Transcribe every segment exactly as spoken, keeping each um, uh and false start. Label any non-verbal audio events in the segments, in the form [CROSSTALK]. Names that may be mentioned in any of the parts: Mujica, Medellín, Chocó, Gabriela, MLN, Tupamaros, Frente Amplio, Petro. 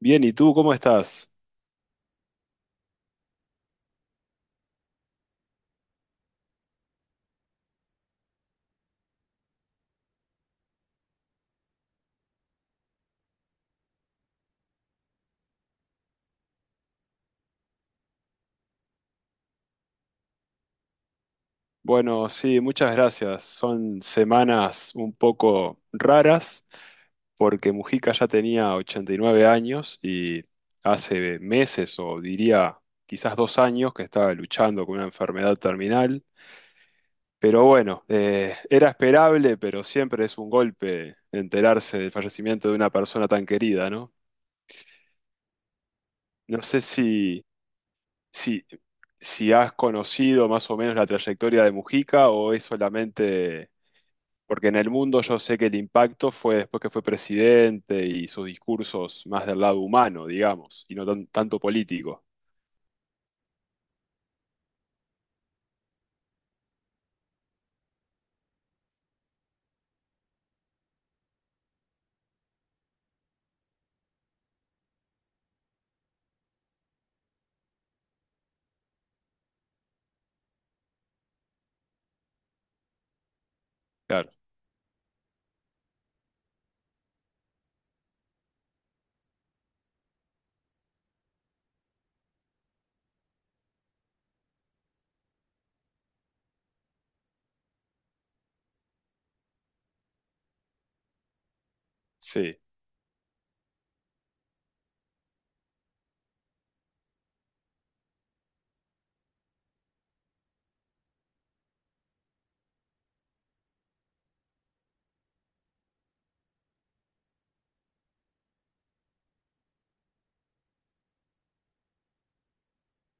Bien, ¿y tú cómo estás? Bueno, sí, muchas gracias. Son semanas un poco raras porque Mujica ya tenía ochenta y nueve años y hace meses o diría quizás dos años que estaba luchando con una enfermedad terminal. Pero bueno, eh, era esperable, pero siempre es un golpe enterarse del fallecimiento de una persona tan querida, ¿no? No sé si, si, si has conocido más o menos la trayectoria de Mujica o es solamente porque en el mundo yo sé que el impacto fue después que fue presidente y sus discursos más del lado humano, digamos, y no tan- tanto político. Claro, sí,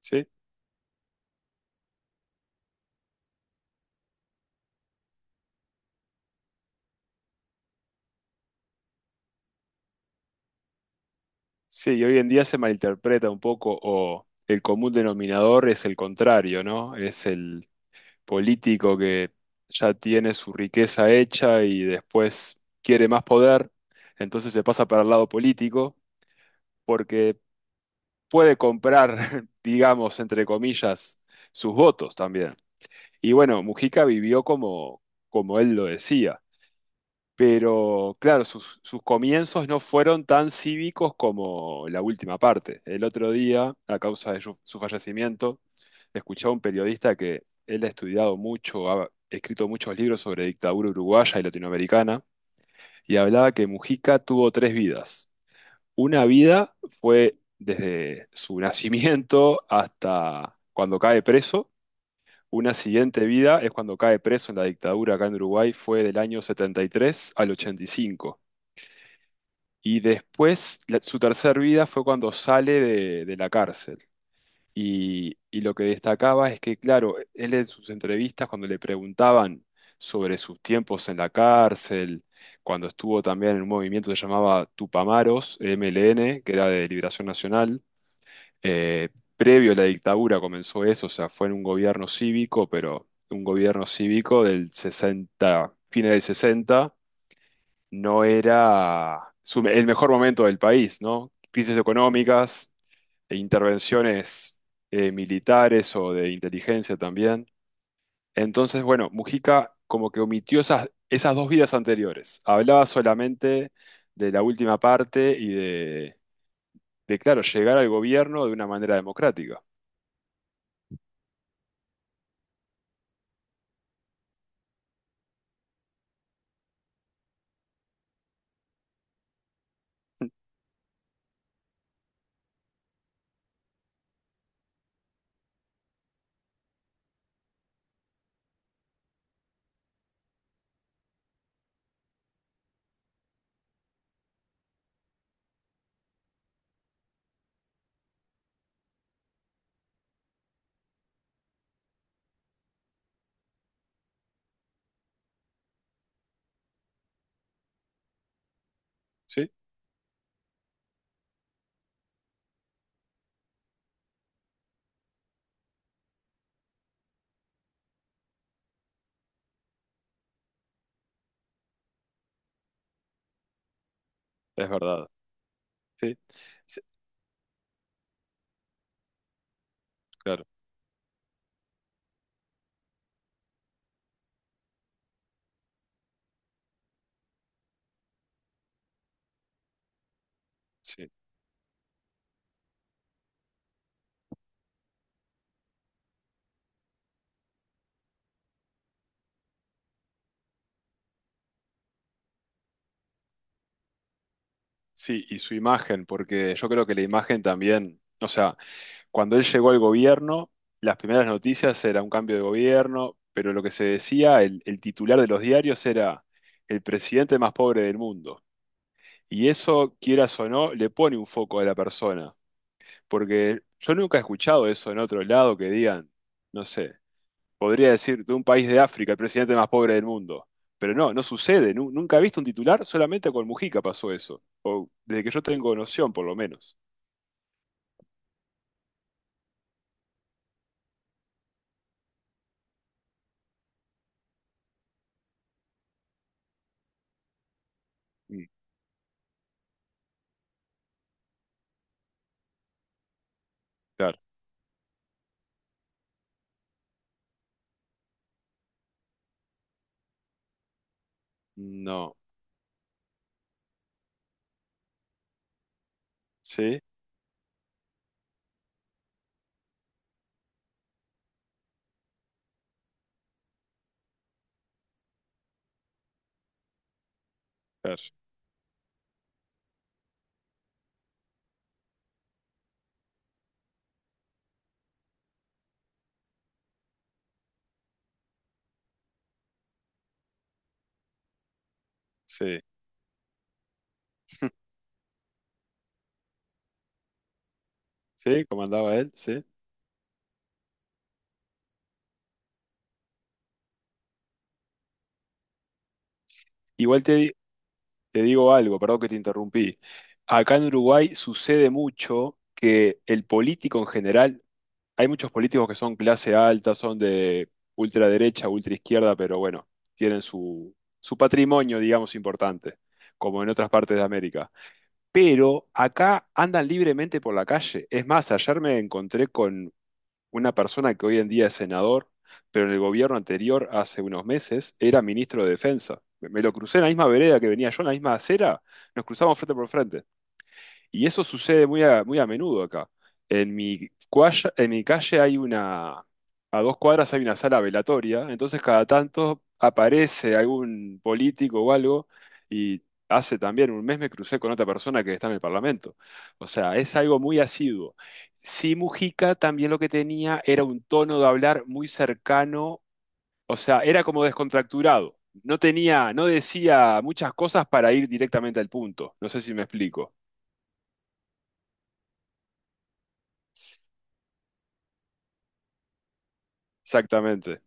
sí, sí, y hoy en día se malinterpreta un poco o el común denominador es el contrario, ¿no? Es el político que ya tiene su riqueza hecha y después quiere más poder, entonces se pasa para el lado político porque puede comprar, [LAUGHS] digamos, entre comillas, sus votos también. Y bueno, Mujica vivió como, como él lo decía. Pero claro, sus, sus comienzos no fueron tan cívicos como la última parte. El otro día, a causa de su, su fallecimiento, escuché a un periodista que él ha estudiado mucho, ha escrito muchos libros sobre dictadura uruguaya y latinoamericana, y hablaba que Mujica tuvo tres vidas. Una vida fue desde su nacimiento hasta cuando cae preso, una siguiente vida es cuando cae preso en la dictadura acá en Uruguay, fue del año setenta y tres al ochenta y cinco y después, la- su tercer vida fue cuando sale de, de la cárcel. Y, y lo que destacaba es que, claro, él en sus entrevistas, cuando le preguntaban sobre sus tiempos en la cárcel, cuando estuvo también en un movimiento que se llamaba Tupamaros, M L N, que era de Liberación Nacional, eh, previo a la dictadura comenzó eso, o sea, fue en un gobierno cívico, pero un gobierno cívico del sesenta, fines del sesenta, no era su- el mejor momento del país, ¿no? Crisis económicas, e intervenciones eh, militares o de inteligencia también. Entonces, bueno, Mujica como que omitió esas, esas dos vidas anteriores. Hablaba solamente de la última parte y de, de, claro, llegar al gobierno de una manera democrática. ¿Sí? Es verdad. Sí, sí, claro, sí. Sí, y su imagen, porque yo creo que la imagen también, o sea, cuando él llegó al gobierno, las primeras noticias era un cambio de gobierno, pero lo que se decía, el, el titular de los diarios era el presidente más pobre del mundo. Y eso, quieras o no, le pone un foco a la persona, porque yo nunca he escuchado eso en otro lado que digan, no sé. Podría decir, de un país de África, el presidente más pobre del mundo. Pero no, no sucede. Nu- nunca he visto un titular, solamente con Mujica pasó eso. O desde que yo tengo noción, por lo menos. Mm, claro. No. Sí, claro. Sí. Sí, comandaba él, sí. Igual te, te digo algo, perdón que te interrumpí. Acá en Uruguay sucede mucho que el político en general hay muchos políticos que son clase alta, son de ultraderecha, ultraizquierda, pero bueno, tienen su, su patrimonio, digamos, importante, como en otras partes de América. Pero acá andan libremente por la calle. Es más, ayer me encontré con una persona que hoy en día es senador, pero en el gobierno anterior, hace unos meses, era ministro de Defensa. Me me lo crucé en la misma vereda que venía yo, en la misma acera, nos cruzamos frente por frente. Y eso sucede muy a, muy a menudo acá. En mi, cualla- en mi calle hay una, a dos cuadras hay una sala velatoria, entonces cada tanto aparece algún político o algo y hace también un mes me crucé con otra persona que está en el Parlamento. O sea, es algo muy asiduo. Sí, Mujica también lo que tenía era un tono de hablar muy cercano, o sea, era como descontracturado. No tenía, no decía muchas cosas para ir directamente al punto. No sé si me explico. Exactamente.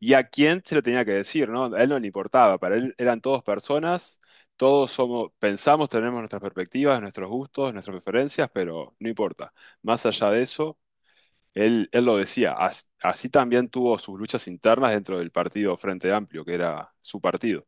Y a quién se lo tenía que decir, ¿no? A él no le importaba, para él eran todos personas, todos somos, pensamos, tenemos nuestras perspectivas, nuestros gustos, nuestras preferencias, pero no importa. Más allá de eso, él, él lo decía, as- así también tuvo sus luchas internas dentro del partido Frente Amplio, que era su partido.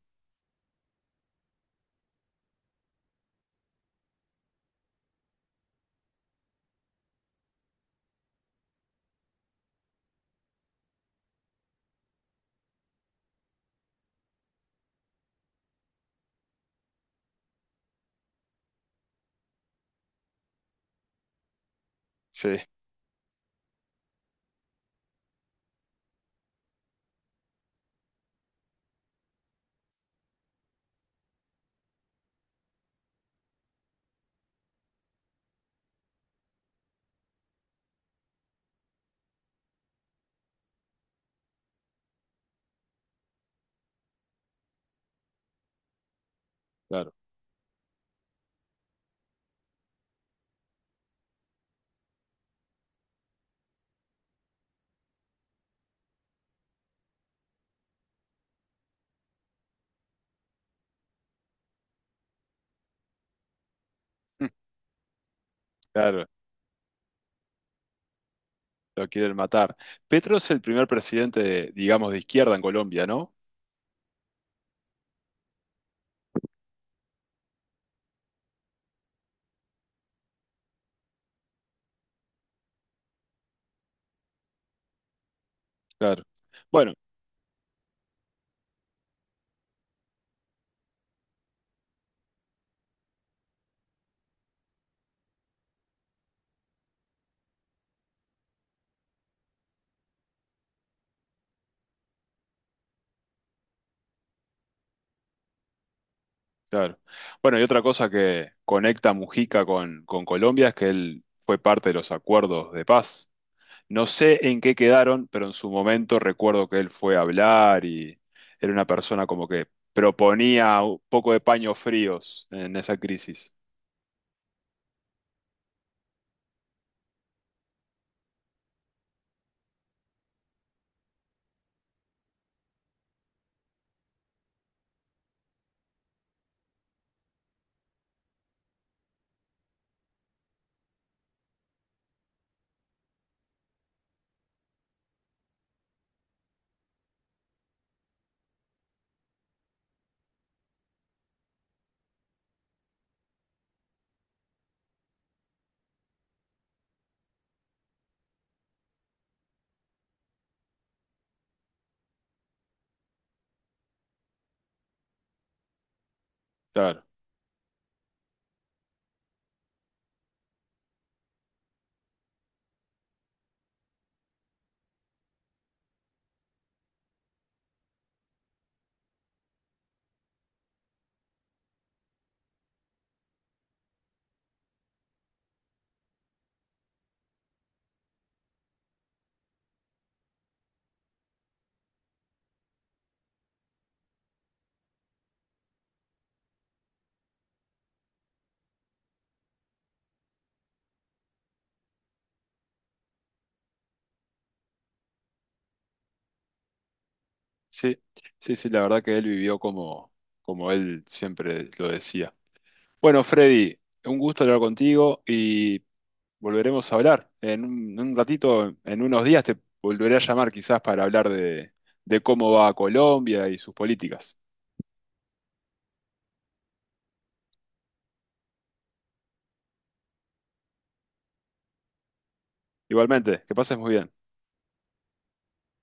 Sí, claro, [LAUGHS] claro, lo quieren matar. Petro es el primer presidente, digamos, de izquierda en Colombia, ¿no? Claro. Bueno. Claro. Bueno, y otra cosa que conecta Mujica con, con Colombia es que él fue parte de los acuerdos de paz. No sé en qué quedaron, pero en su momento recuerdo que él fue a hablar y era una persona como que proponía un poco de paños fríos en esa crisis. Claro. Sí, sí, sí, la verdad que él vivió como, como él siempre lo decía. Bueno, Freddy, un gusto hablar contigo y volveremos a hablar. En un, en un ratito, en unos días, te volveré a llamar quizás para hablar de, de cómo va Colombia y sus políticas. Igualmente, que pases muy bien.